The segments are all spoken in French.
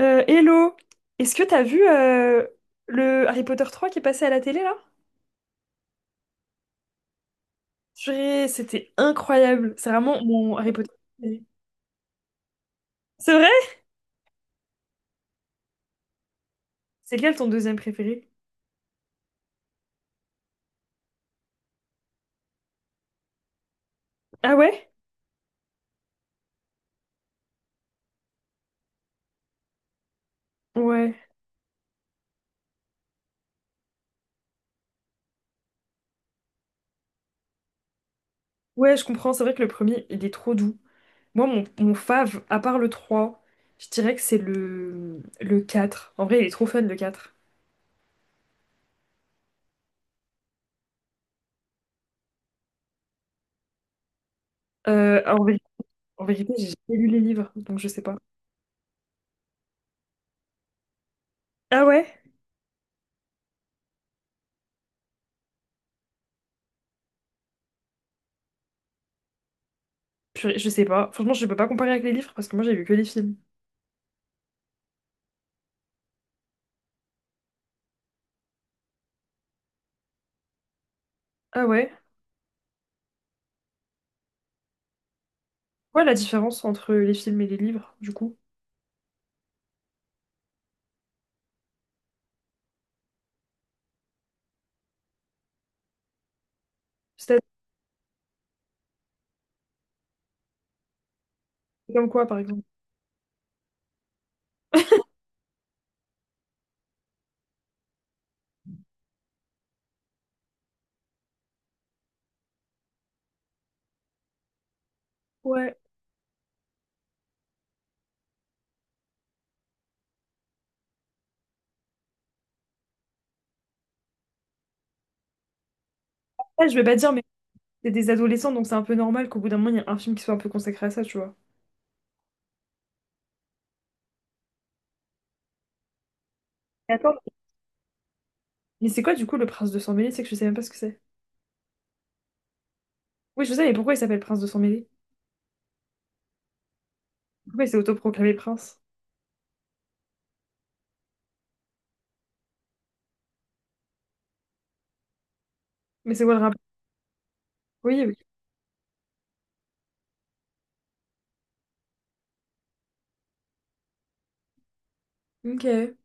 Hello, est-ce que t'as vu le Harry Potter 3 qui est passé à la télé là? Purée, c'était incroyable, c'est vraiment mon Harry Potter préféré. C'est vrai? C'est lequel ton deuxième préféré? Ah ouais? Ouais. Ouais, je comprends, c'est vrai que le premier, il est trop doux. Moi, mon fave, à part le 3, je dirais que c'est le 4. En vrai, il est trop fun le 4. Euh, en vérité, en vérité, j'ai jamais lu les livres, donc je sais pas. Ah ouais? Purée, je sais pas. Franchement, je peux pas comparer avec les livres parce que moi, j'ai vu que les films. Ah ouais? Ouais, la différence entre les films et les livres, du coup. C'est comme quoi, par exemple? Ouais. Ouais, je vais pas dire, mais c'est des adolescents, donc c'est un peu normal qu'au bout d'un moment, il y ait un film qui soit un peu consacré à ça, tu vois. Et attends, mais c'est quoi, du coup, le prince de Sang-Mêlé? C'est que je sais même pas ce que c'est. Oui, je sais, mais pourquoi il s'appelle prince de Sang-Mêlé? Pourquoi il s'est autoproclamé prince? Mais c'est quoi le rapport? Oui, oui. Ok.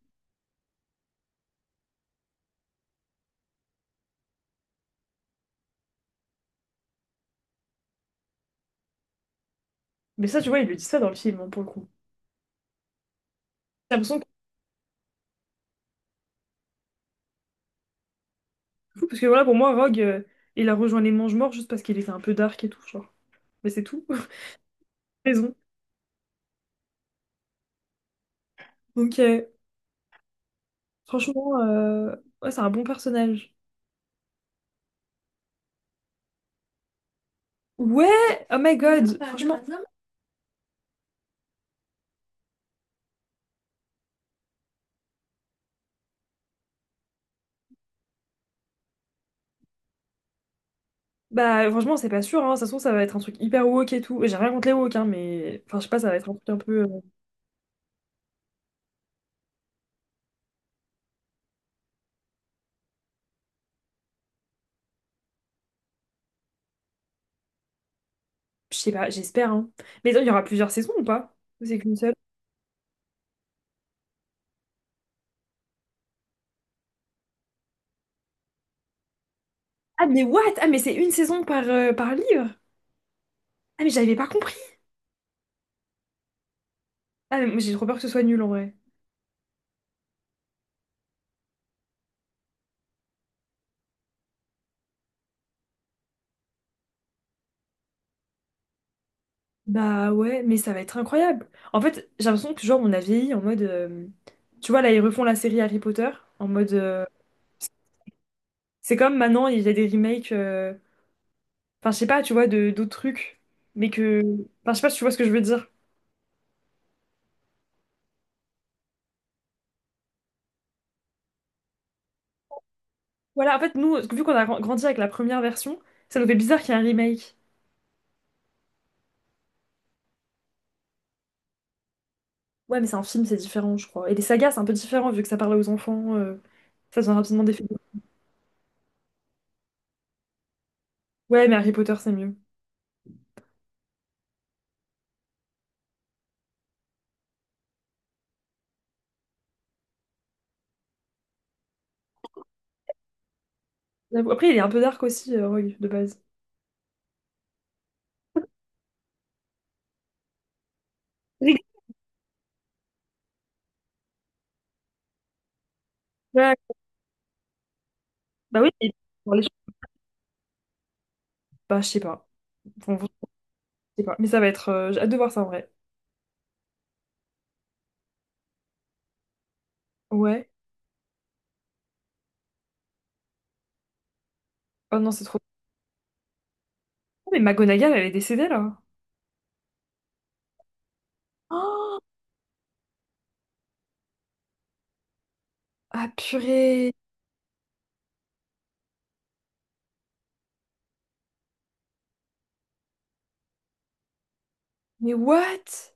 Mais ça, tu vois, ils le disent ça dans le film, hein, pour le coup. J'ai l'impression que c'est fou, parce que voilà, pour moi, Rogue, il a rejoint les Mangemorts juste parce qu'il était un peu dark et tout, genre. Mais c'est tout. Raison. Donc, franchement, ouais, c'est un bon personnage. Ouais, oh my god, franchement, bah franchement c'est pas sûr, hein. Ça se trouve ça va être un truc hyper woke et tout. J'ai rien contre les woke, hein, mais enfin je sais pas, ça va être un truc un peu, je sais pas, j'espère, hein. Mais attends, il y aura plusieurs saisons ou pas? Ou c'est qu'une seule? Ah mais what? Ah mais c'est une saison par par livre? Ah mais j'avais pas compris. Ah mais moi, j'ai trop peur que ce soit nul en vrai. Bah ouais, mais ça va être incroyable. En fait, j'ai l'impression que genre on a vieilli en mode, tu vois là ils refont la série Harry Potter en mode, c'est comme maintenant il y a des remakes. Enfin, je sais pas, tu vois, de d'autres trucs. Mais que. Enfin, je sais pas si tu vois ce que je veux dire. Voilà, en fait, nous, vu qu'on a grandi avec la première version, ça nous fait bizarre qu'il y ait un remake. Ouais, mais c'est un film, c'est différent, je crois. Et les sagas, c'est un peu différent, vu que ça parle aux enfants. Ça devient rapidement des films. Ouais, mais Harry Potter, c'est mieux. J'avoue. Après, il est un peu dark aussi, Rogue, de base. Oui. Ouais, bah oui, mais dans les films, bah, je sais pas. Bon, je sais pas. Mais ça va être. J'ai hâte de voir ça en vrai. Ouais. Oh non, c'est trop. Oh, mais McGonagall, elle est décédée, là. Oh, ah purée. Mais what?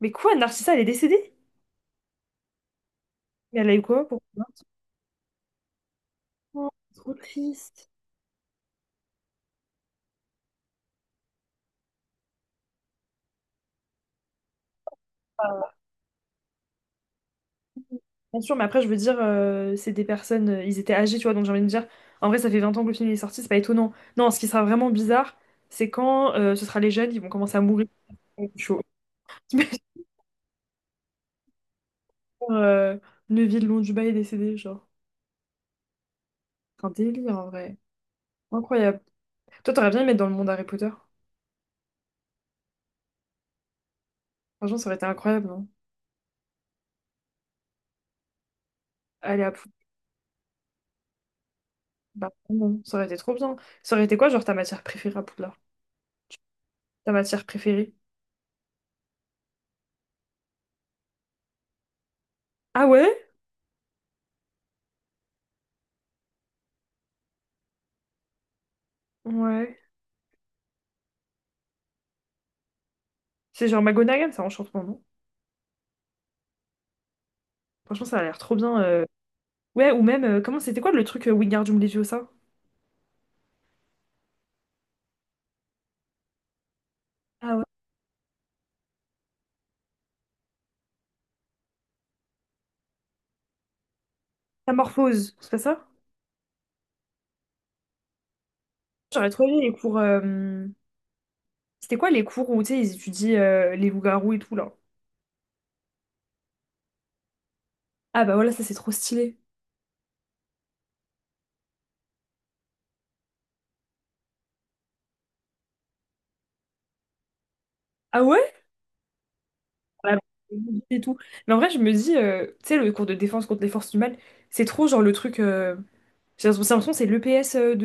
Mais quoi, Narcissa, elle est décédée? Mais elle a eu quoi pour... vingt. Oh, trop triste. Euh, Bien sûr, mais après, je veux dire, c'est des personnes, ils étaient âgés, tu vois, donc j'ai envie de dire, en vrai, ça fait 20 ans que le film est sorti, c'est pas étonnant. Non, ce qui sera vraiment bizarre, c'est quand ce sera les jeunes, ils vont commencer à mourir. Chaud. T'imagines, euh, Neville Londubat est décédé, genre. C'est un délire, en vrai. Incroyable. Toi, t'aurais bien aimé être dans le monde Harry Potter. Franchement, ça aurait été incroyable, non? Aller à Poudlard. Bah, non, ça aurait été trop bien. Ça aurait été quoi, genre, ta matière préférée à Poudlard? Ta matière préférée? Ah ouais? Ouais. C'est genre Magonagan, ça enchantement, non? Franchement, ça a l'air trop bien. Ouais, ou même, comment c'était quoi le truc Wingardium Leviosa? Ah ouais. Métamorphose, c'est pas ça? J'aurais trop aimé les cours. C'était quoi les cours où tu sais, ils étudient les loups-garous et tout là? Ah bah voilà, ça c'est trop stylé. Ah ouais? Ouais. Et tout. Mais en vrai, je me dis, tu sais, le cours de défense contre les forces du mal, c'est trop genre le truc. J'ai l'impression que c'est l'EPS de...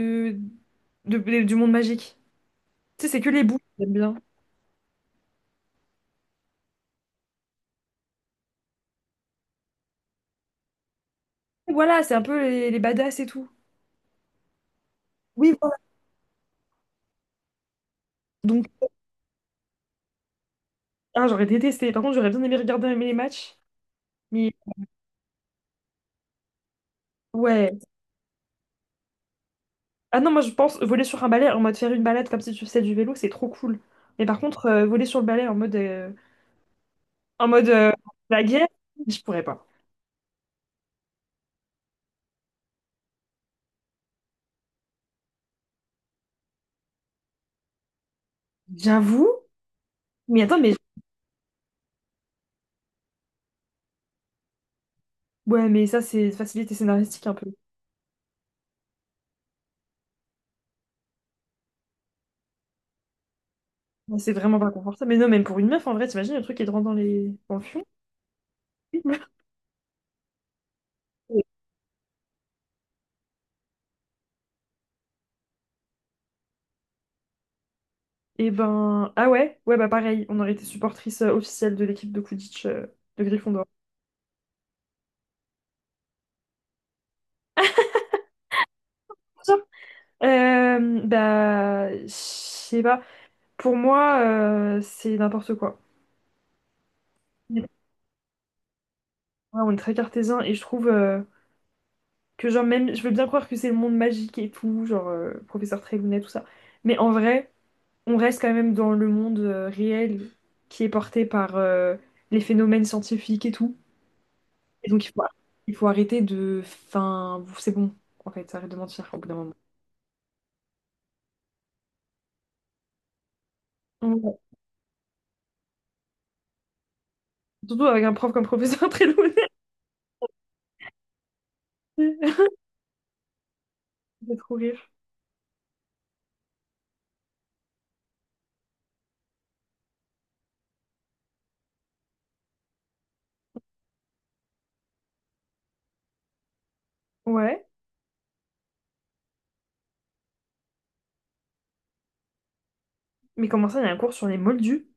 de- de- du monde magique. Tu sais, c'est que les boules, j'aime bien. Voilà, c'est un peu les badass et tout. Oui. Donc, ah, j'aurais détesté. Par contre, j'aurais bien aimé regarder même les matchs. Mais ouais. Ah non, moi je pense voler sur un balai en mode faire une balade comme si tu faisais du vélo, c'est trop cool. Mais par contre, voler sur le balai en mode, en mode euh, la guerre, je pourrais pas. J'avoue. Mais attends, mais ouais, mais ça c'est facilité scénaristique un peu. Ouais, c'est vraiment pas confortable. Mais non, même pour une meuf, en vrai, t'imagines le truc qui te rentre dans le fion? Et ben, ah ouais, ouais, bah pareil, on aurait été supportrice officielle de l'équipe de Quidditch de Gryffondor. Bah, je sais pas. Pour moi, c'est n'importe quoi. Ouais, on est très cartésien et je trouve que, genre, même, je veux bien croire que c'est le monde magique et tout, genre, professeur Trélounet, tout ça. Mais en vrai, on reste quand même dans le monde réel qui est porté par les phénomènes scientifiques et tout. Et donc, il faut arrêter de. Enfin, c'est bon, en fait, arrête de mentir au bout d'un moment. Ouais. Surtout avec un prof comme professeur Trélounet. Ça fait trop rire. Ouais. Mais comment ça, il y a un cours sur les moldus?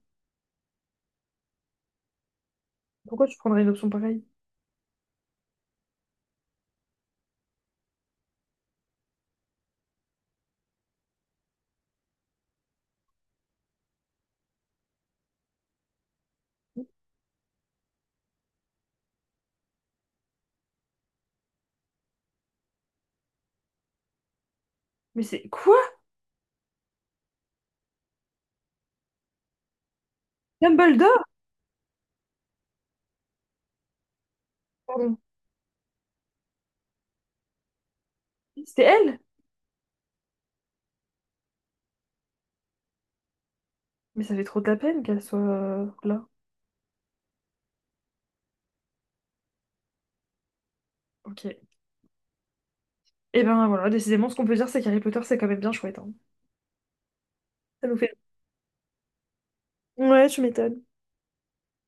Pourquoi tu prendrais une option pareille? Mais c'est quoi? Dumbledore? Pardon. C'était elle? Mais ça fait trop de la peine qu'elle soit là. Ok. Et ben voilà, décidément, ce qu'on peut dire, c'est qu'Harry Potter, c'est quand même bien chouette, hein. Ça nous fait. Ouais, tu m'étonnes.